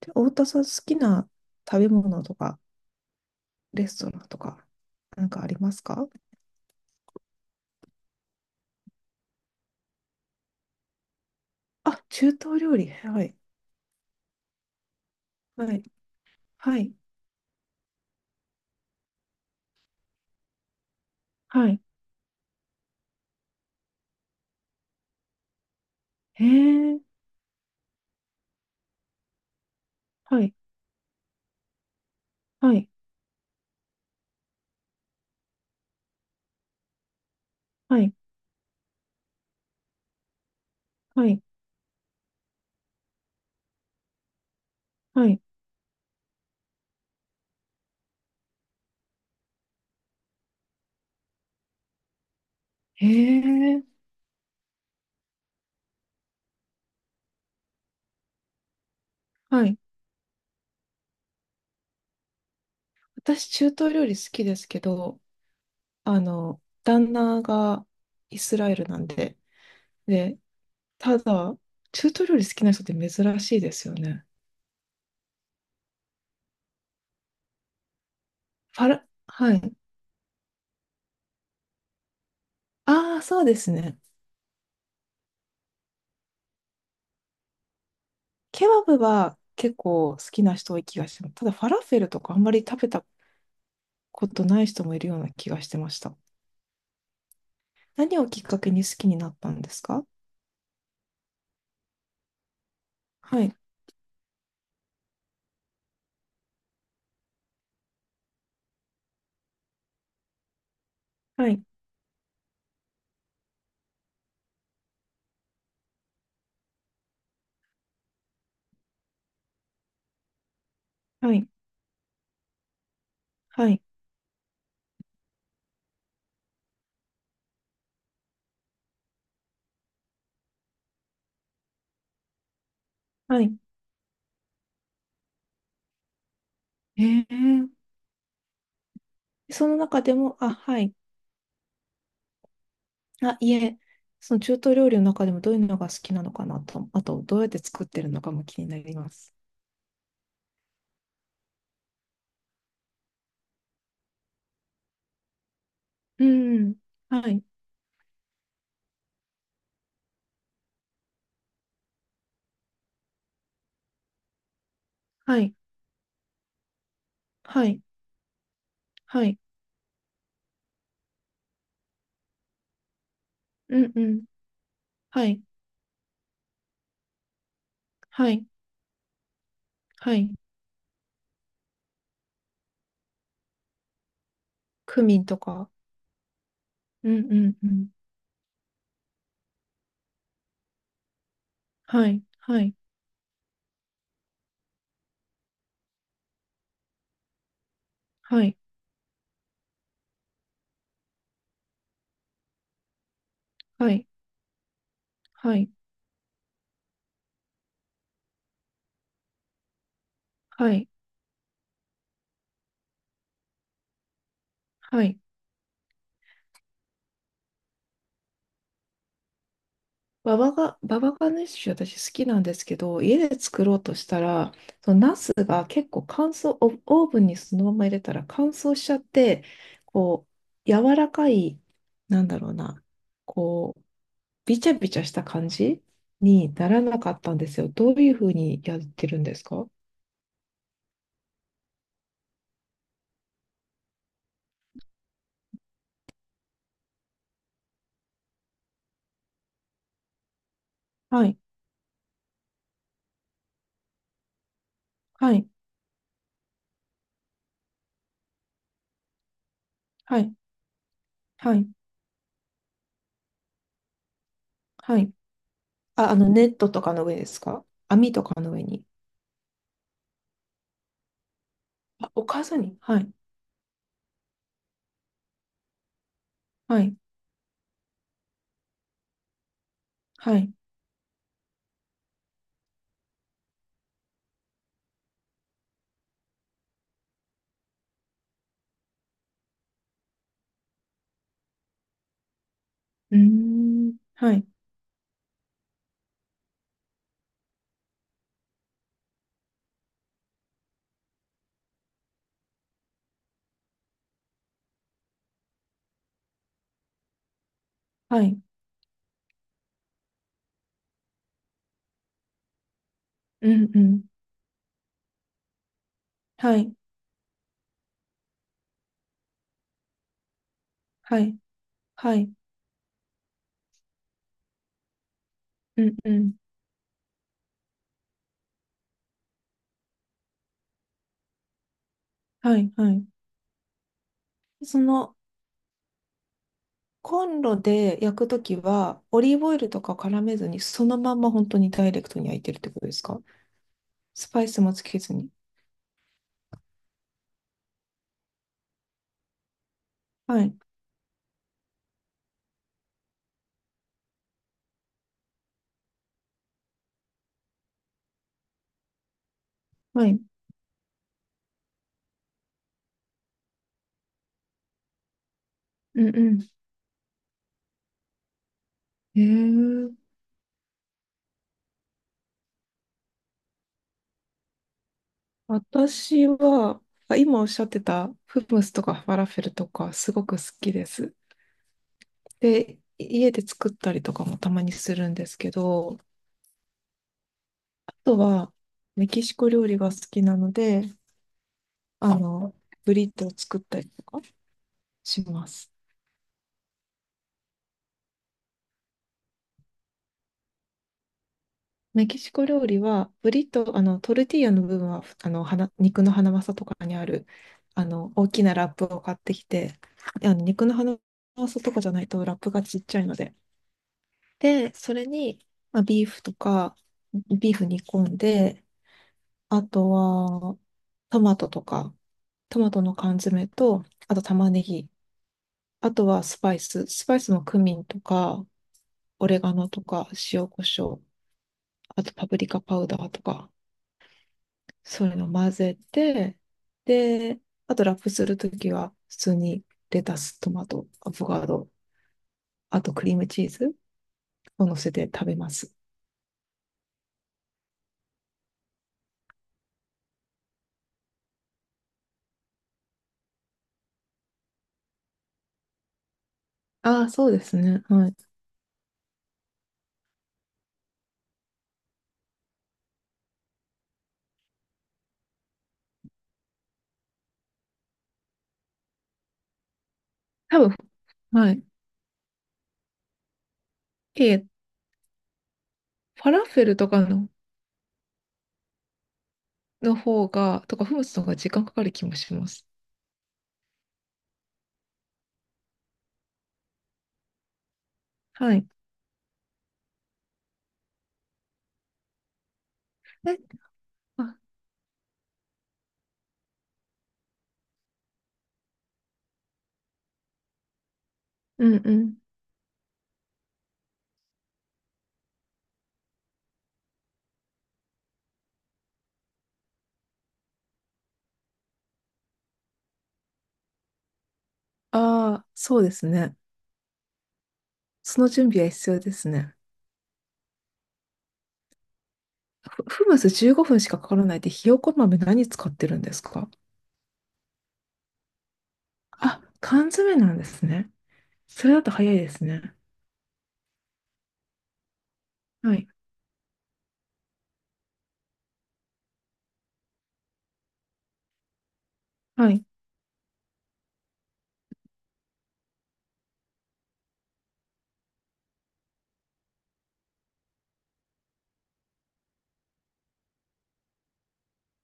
で、太田さん好きな食べ物とか、レストランとか、なんかありますか？あ、中東料理。はい。はい。はい。はい。へえ。はい。はい。はい。はい。はい。へえ。はい。私、中東料理好きですけど、あの、旦那がイスラエルなんで。で、ただ、中東料理好きな人って珍しいですよね。ファラ、はい。ああ、そうですね。ケバブは結構好きな人多い気がしてます。ただファラフェルとかあんまり食べたことない人もいるような気がしてました。何をきっかけに好きになったんですか？はい、はい、はい、はい、はい。えー、その中でも、あ、はい、あ、いえ、その中東料理の中でもどういうのが好きなのかなと、あとどうやって作ってるのかも気になります。うん、はい、はい、はい、はい、うん、うん、はい、はい、はい、クミンとか、うん、うん、うん。はい、はい、はい、はい、はい、はい、はい。ババガネッシュ私好きなんですけど、家で作ろうとしたら、そのナスが結構乾燥、オオーブンにそのまま入れたら乾燥しちゃって、こう、柔らかい、なんだろうな、こう、びちゃびちゃした感じにならなかったんですよ。どういうふうにやってるんですか？はい、はい、はい、はい、はい。あ、あの、ネットとかの上ですか？網とかの上に。お母さんに。はい。はい。はい。うーん。はい。はい。うんうん。はい。はい。はい。うんうん。はい。はい。その、コンロで焼くときは、オリーブオイルとか絡めずに、そのまんま本当にダイレクトに焼いてるってことですか？スパイスもつけずに。はい。はい。うんうん。ええ、私は、あ、今おっしゃってた、フムスとかファラフェルとか、すごく好きです。で、家で作ったりとかもたまにするんですけど、あとはメキシコ料理が好きなので、あの、ブリトーを作ったりとかします。メキシコ料理は、ブリトー、あの、トルティーヤの部分は、あの、花肉のハナマサとかにある、あの、大きなラップを買ってきて、あの肉のハナマサとかじゃないとラップがちっちゃいので。で、それに、まあ、ビーフとか、ビーフ煮込んで、あとは、トマトとか、トマトの缶詰と、あと玉ねぎ。あとはスパイス。スパイスもクミンとか、オレガノとか、塩コショウ。あとパプリカパウダーとか、そういうの混ぜて、で、あとラップするときは、普通にレタス、トマト、アボカド、あとクリームチーズを乗せて食べます。ああ、そうですね。はい。多分、はい。え、ファラフェルとかのの方が、とか、フムスの方が時間かかる気もします。はい。え、あ、うんうん。ああ、そうですね。その準備は必要ですね。フフムス15分しかかからないで、ひよこ豆何使ってるんですか？あ、缶詰なんですね。それだと早いですね。はい。はい。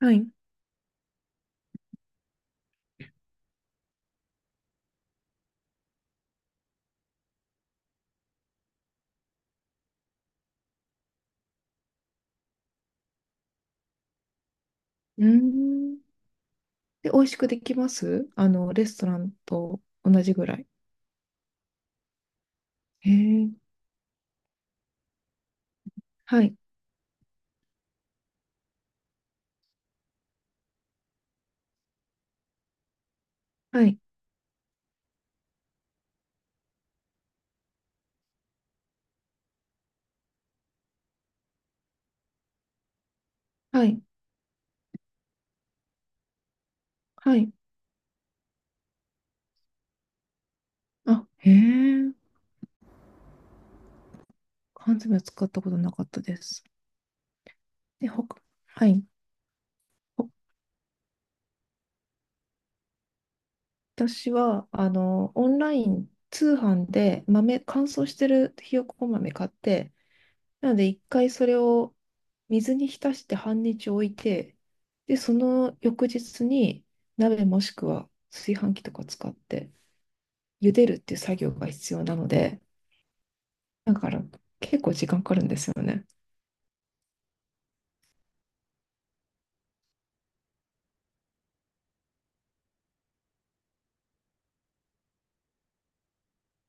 はい。うーん。で、美味しくできます？あの、レストランと同じぐらい。へえ。はい。はい。はい。はい。あ、へえ。缶詰は使ったことなかったです。で、ほか、はい。ほ、私は、あの、オンライン通販で豆、乾燥してるひよこ豆買って、なので一回それを水に浸して半日置いて、で、その翌日に鍋もしくは炊飯器とか使って茹でるっていう作業が必要なので、だから結構時間かかるんですよね。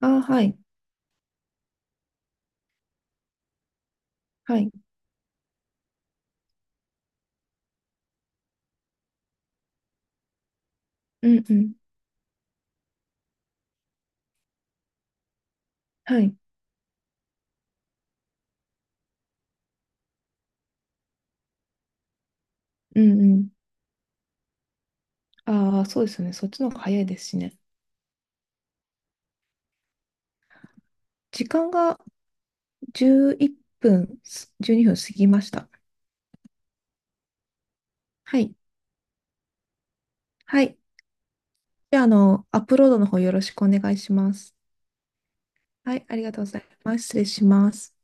ああ、はい。はい。うんうん。はい。うんうん。ああ、そうですよね。そっちの方が早いですしね。時間が11分、12分過ぎました。はい。はい。じゃあ、あの、アップロードの方よろしくお願いします。はい、ありがとうございます。失礼します。